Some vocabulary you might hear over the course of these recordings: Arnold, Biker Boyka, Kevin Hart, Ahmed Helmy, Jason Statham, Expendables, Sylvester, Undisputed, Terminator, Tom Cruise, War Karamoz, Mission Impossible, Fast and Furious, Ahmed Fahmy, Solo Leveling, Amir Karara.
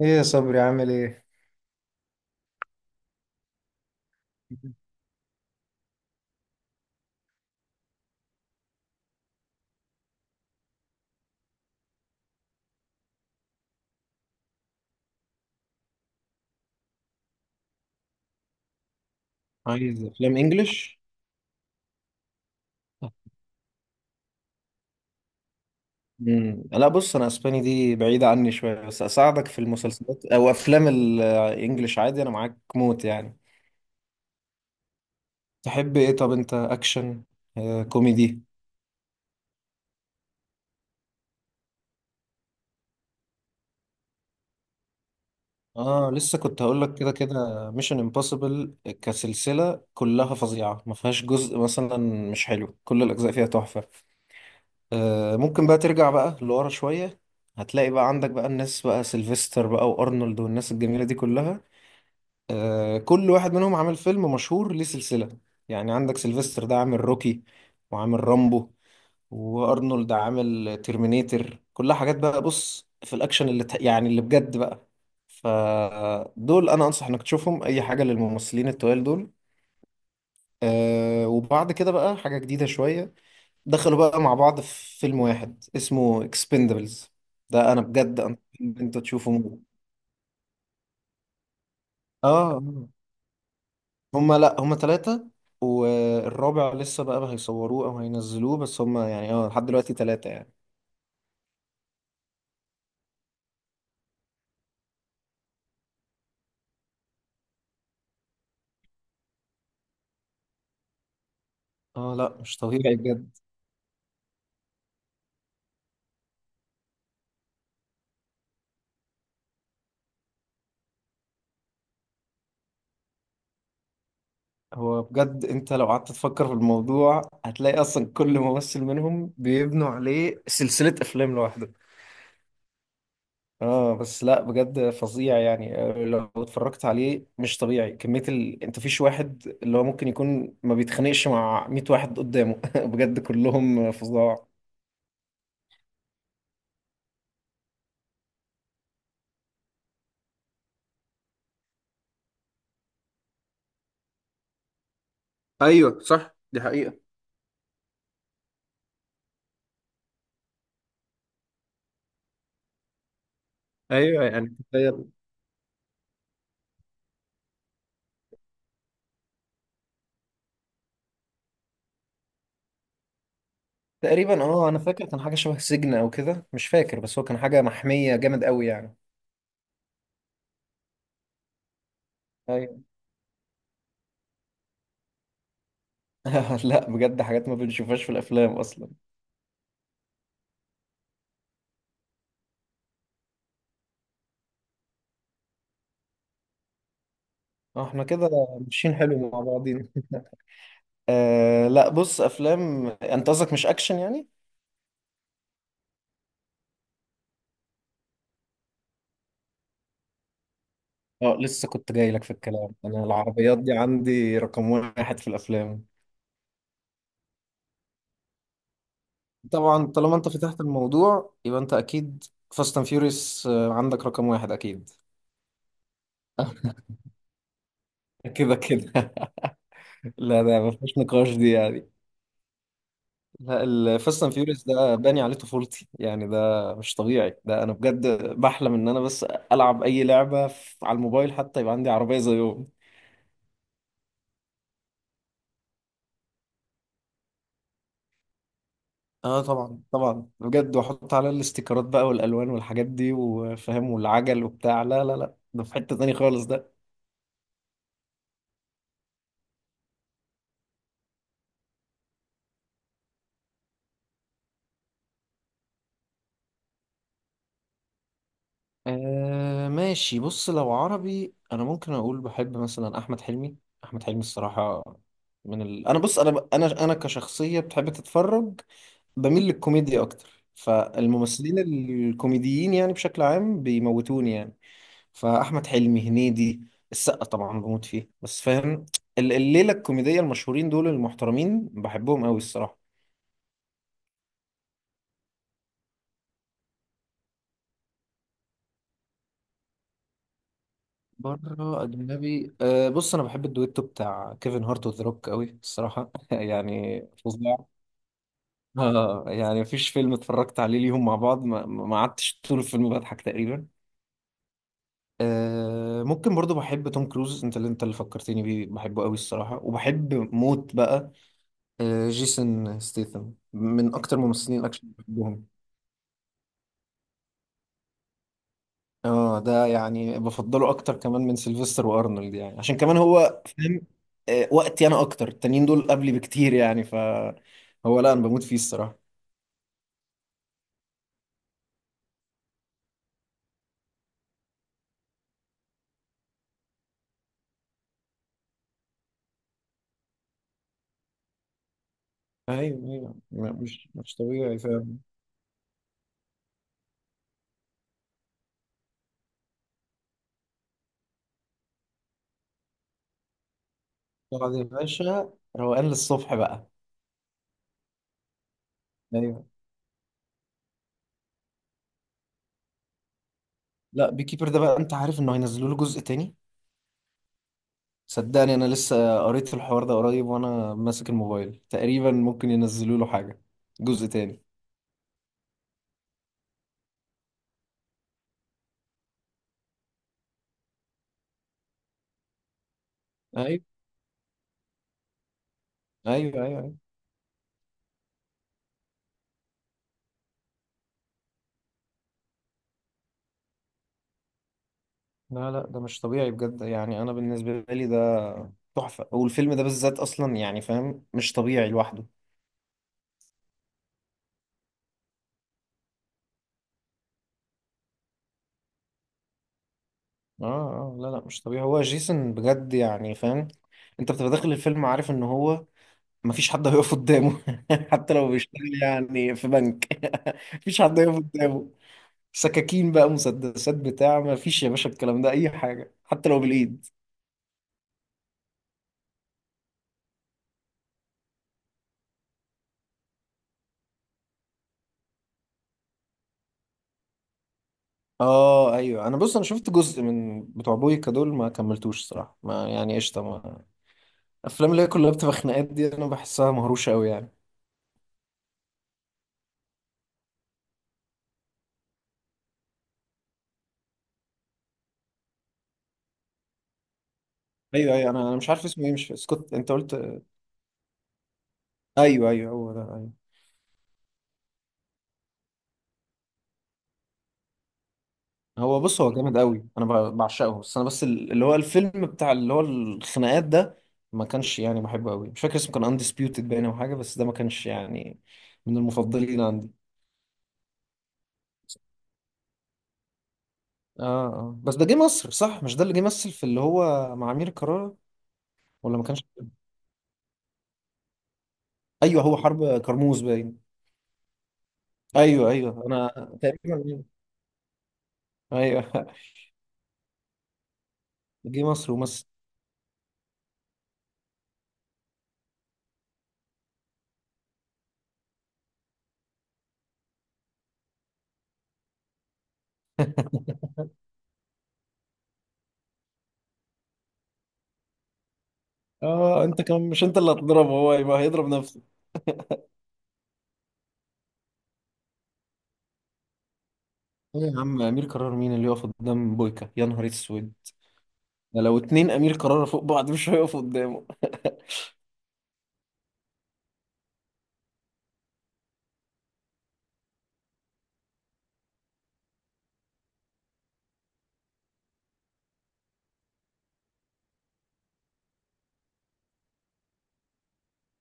ايه يا صبري عامل ايه؟ عايز افلام انجلش. لا بص، انا اسباني دي بعيدة عني شوية، بس اساعدك في المسلسلات او افلام الانجليش عادي، انا معاك موت يعني. تحب ايه؟ طب انت اكشن، كوميدي؟ اه لسه كنت هقول لك كده كده ميشن امبوسيبل كسلسلة كلها فظيعة، ما فيهاش جزء مثلا مش حلو، كل الاجزاء فيها تحفة. آه ممكن بقى ترجع بقى لورا شوية، هتلاقي بقى عندك بقى الناس بقى سيلفستر بقى وارنولد والناس الجميلة دي كلها. كل واحد منهم عامل فيلم مشهور ليه سلسلة، يعني عندك سيلفستر ده عامل روكي وعامل رامبو، وارنولد عامل ترمينيتر، كلها حاجات بقى. بص في الاكشن يعني اللي بجد بقى، فدول انا انصح انك تشوفهم، اي حاجة للممثلين التوال دول. أه وبعد كده بقى حاجة جديدة شوية، دخلوا بقى مع بعض في فيلم واحد اسمه اكسبندبلز، ده انا بجد، انت تشوفه. اه، هما لا هما ثلاثة، والرابع لسه بقى هيصوروه أو هينزلوه، بس هما يعني اه لحد دلوقتي ثلاثة يعني. اه لا مش طبيعي بجد. هو بجد انت لو قعدت تفكر في الموضوع هتلاقي اصلا كل ممثل منهم بيبنوا عليه سلسلة افلام لوحده. اه بس لا بجد فظيع يعني، لو اتفرجت عليه مش طبيعي كمية ال... انت فيش واحد اللي هو ممكن يكون ما بيتخانقش مع 100 واحد قدامه بجد كلهم فظاع. ايوه صح دي حقيقة. ايوه يعني. تقريبا، اه انا فاكر كان حاجه شبه سجن او كده، مش فاكر، بس هو كان حاجه محميه جامد قوي يعني. ايوه. لا بجد حاجات ما بنشوفهاش في الافلام اصلا. احنا كده ماشيين حلو مع بعضين آه لا بص، افلام انت قصدك مش اكشن يعني. اه لسه كنت جاي لك في الكلام، انا العربيات دي عندي رقم واحد في الافلام. طبعا طالما انت فتحت الموضوع يبقى انت اكيد فاست اند فيوريوس عندك رقم واحد اكيد. كده كده لا ده ما فيش نقاش دي يعني، لا الفاست اند فيوريوس ده باني عليه طفولتي يعني، ده مش طبيعي، ده انا بجد بحلم ان انا بس العب اي لعبه على الموبايل حتى يبقى عندي عربيه زيهم. اه طبعا طبعا بجد، واحط عليها الاستيكرات بقى والالوان والحاجات دي وفاهم والعجل وبتاع، لا لا لا، ده في حته تاني خالص ده. آه ماشي بص، لو عربي انا ممكن اقول بحب مثلا احمد حلمي. احمد حلمي الصراحه، من ال... انا بص انا كشخصيه بتحب تتفرج، بميل للكوميديا اكتر، فالممثلين الكوميديين يعني بشكل عام بيموتوني يعني. فاحمد حلمي، هنيدي، السقا طبعا بموت فيه، بس فاهم الليله الكوميديه المشهورين دول المحترمين بحبهم قوي الصراحه. بره اجنبي، أه بص، انا بحب الدويتو بتاع كيفن هارت وذا روك قوي الصراحه يعني فظيع. اه يعني مفيش فيلم اتفرجت عليه ليهم مع بعض ما قعدتش طول الفيلم بضحك تقريبا. آه ممكن برضو بحب توم كروز، انت اللي فكرتني بيه، بحبه قوي الصراحة وبحب موت بقى. آه جيسون ستيثم من اكتر ممثلين الاكشن اللي بحبهم. اه ده يعني بفضله اكتر كمان من سيلفستر وارنولد يعني، عشان كمان هو فاهم وقتي، انا اكتر، التانيين دول قبلي بكتير يعني، ف هو لا انا بموت فيه الصراحة. ايوه ايوه، لا، مش طبيعي فاهم. طبعا يا باشا، روقان للصبح بقى. ايوه، لا بيكيبر ده بقى انت عارف انه هينزلوا له جزء تاني، صدقني انا لسه قريت الحوار ده قريب وانا ماسك الموبايل، تقريبا ممكن ينزلوا له حاجه جزء تاني. ايوه ايوه ايوه. ايوه، لا لا، ده مش طبيعي بجد يعني، انا بالنسبه لي ده تحفه، والفيلم ده بالذات اصلا يعني فاهم مش طبيعي لوحده. اه اه لا لا مش طبيعي، هو جيسون بجد يعني فاهم، انت بتبقى داخل الفيلم عارف ان هو مفيش حد هيقف قدامه حتى لو بيشتغل يعني في بنك مفيش حد هيقف قدامه. سكاكين بقى مسدسات بتاع، ما فيش يا باشا الكلام ده اي حاجه حتى لو بالايد. اه ايوه، انا بص انا شفت جزء من بتوع بويكا دول ما كملتوش الصراحه، ما يعني قشطه، ما الافلام اللي هي كلها بتبقى خناقات دي انا بحسها مهروشه قوي يعني. ايوه ايوه، انا مش عارف اسمه ايه، مش سكوت انت قلت؟ ايوه ايوه هو ده ايوه. هو بص هو جامد قوي، انا بعشقه، بس انا بس اللي هو الفيلم بتاع اللي هو الخناقات ده ما كانش يعني بحبه قوي، مش فاكر اسمه كان اندسبيوتد باين او حاجه، بس ده ما كانش يعني من المفضلين عندي. اه اه بس ده جه مصر صح، مش ده اللي جه مثل في اللي هو مع امير كرارة؟ ولا ما كانش؟ ايوه هو حرب كرموز باين. ايوه ايوه انا، تقريبا، ايوه جه مصر ومثل. اه انت كمان مش انت اللي هتضربه، هو يبقى هيضرب نفسه. ايه يا عم امير كرارة مين اللي يقف قدام بويكا يا نهار اسود؟ ده لو اتنين امير كرارة فوق بعض مش هيقفوا قدامه.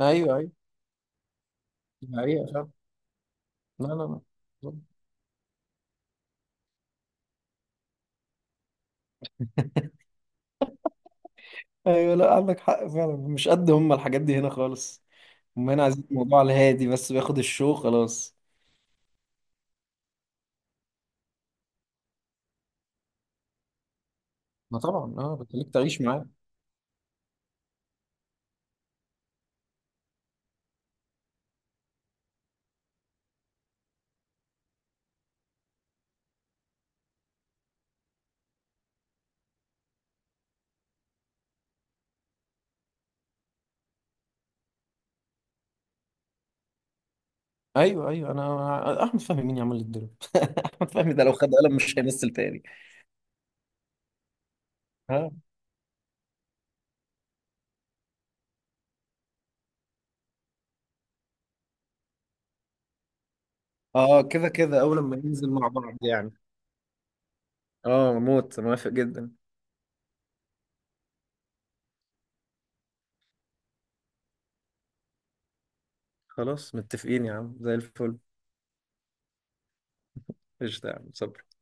ايوه ايوه دي حقيقة فعلا. لا لا لا. ايوه لا عندك حق فعلا، مش قد هم الحاجات دي هنا خالص، هم هنا عايزين الموضوع على الهادي بس بياخد الشو خلاص. ما طبعا اه بتخليك تعيش معاه. ايوه ايوه، انا احمد فهمي مين يعمل لي الدور؟ احمد فهمي ده لو خد قلم مش هيمثل تاني. اه اه كده كده اول لما ينزل مع بعض يعني. اه موت موافق جدا. خلاص متفقين يا عم زي الفل. قشطة يا عم صباح.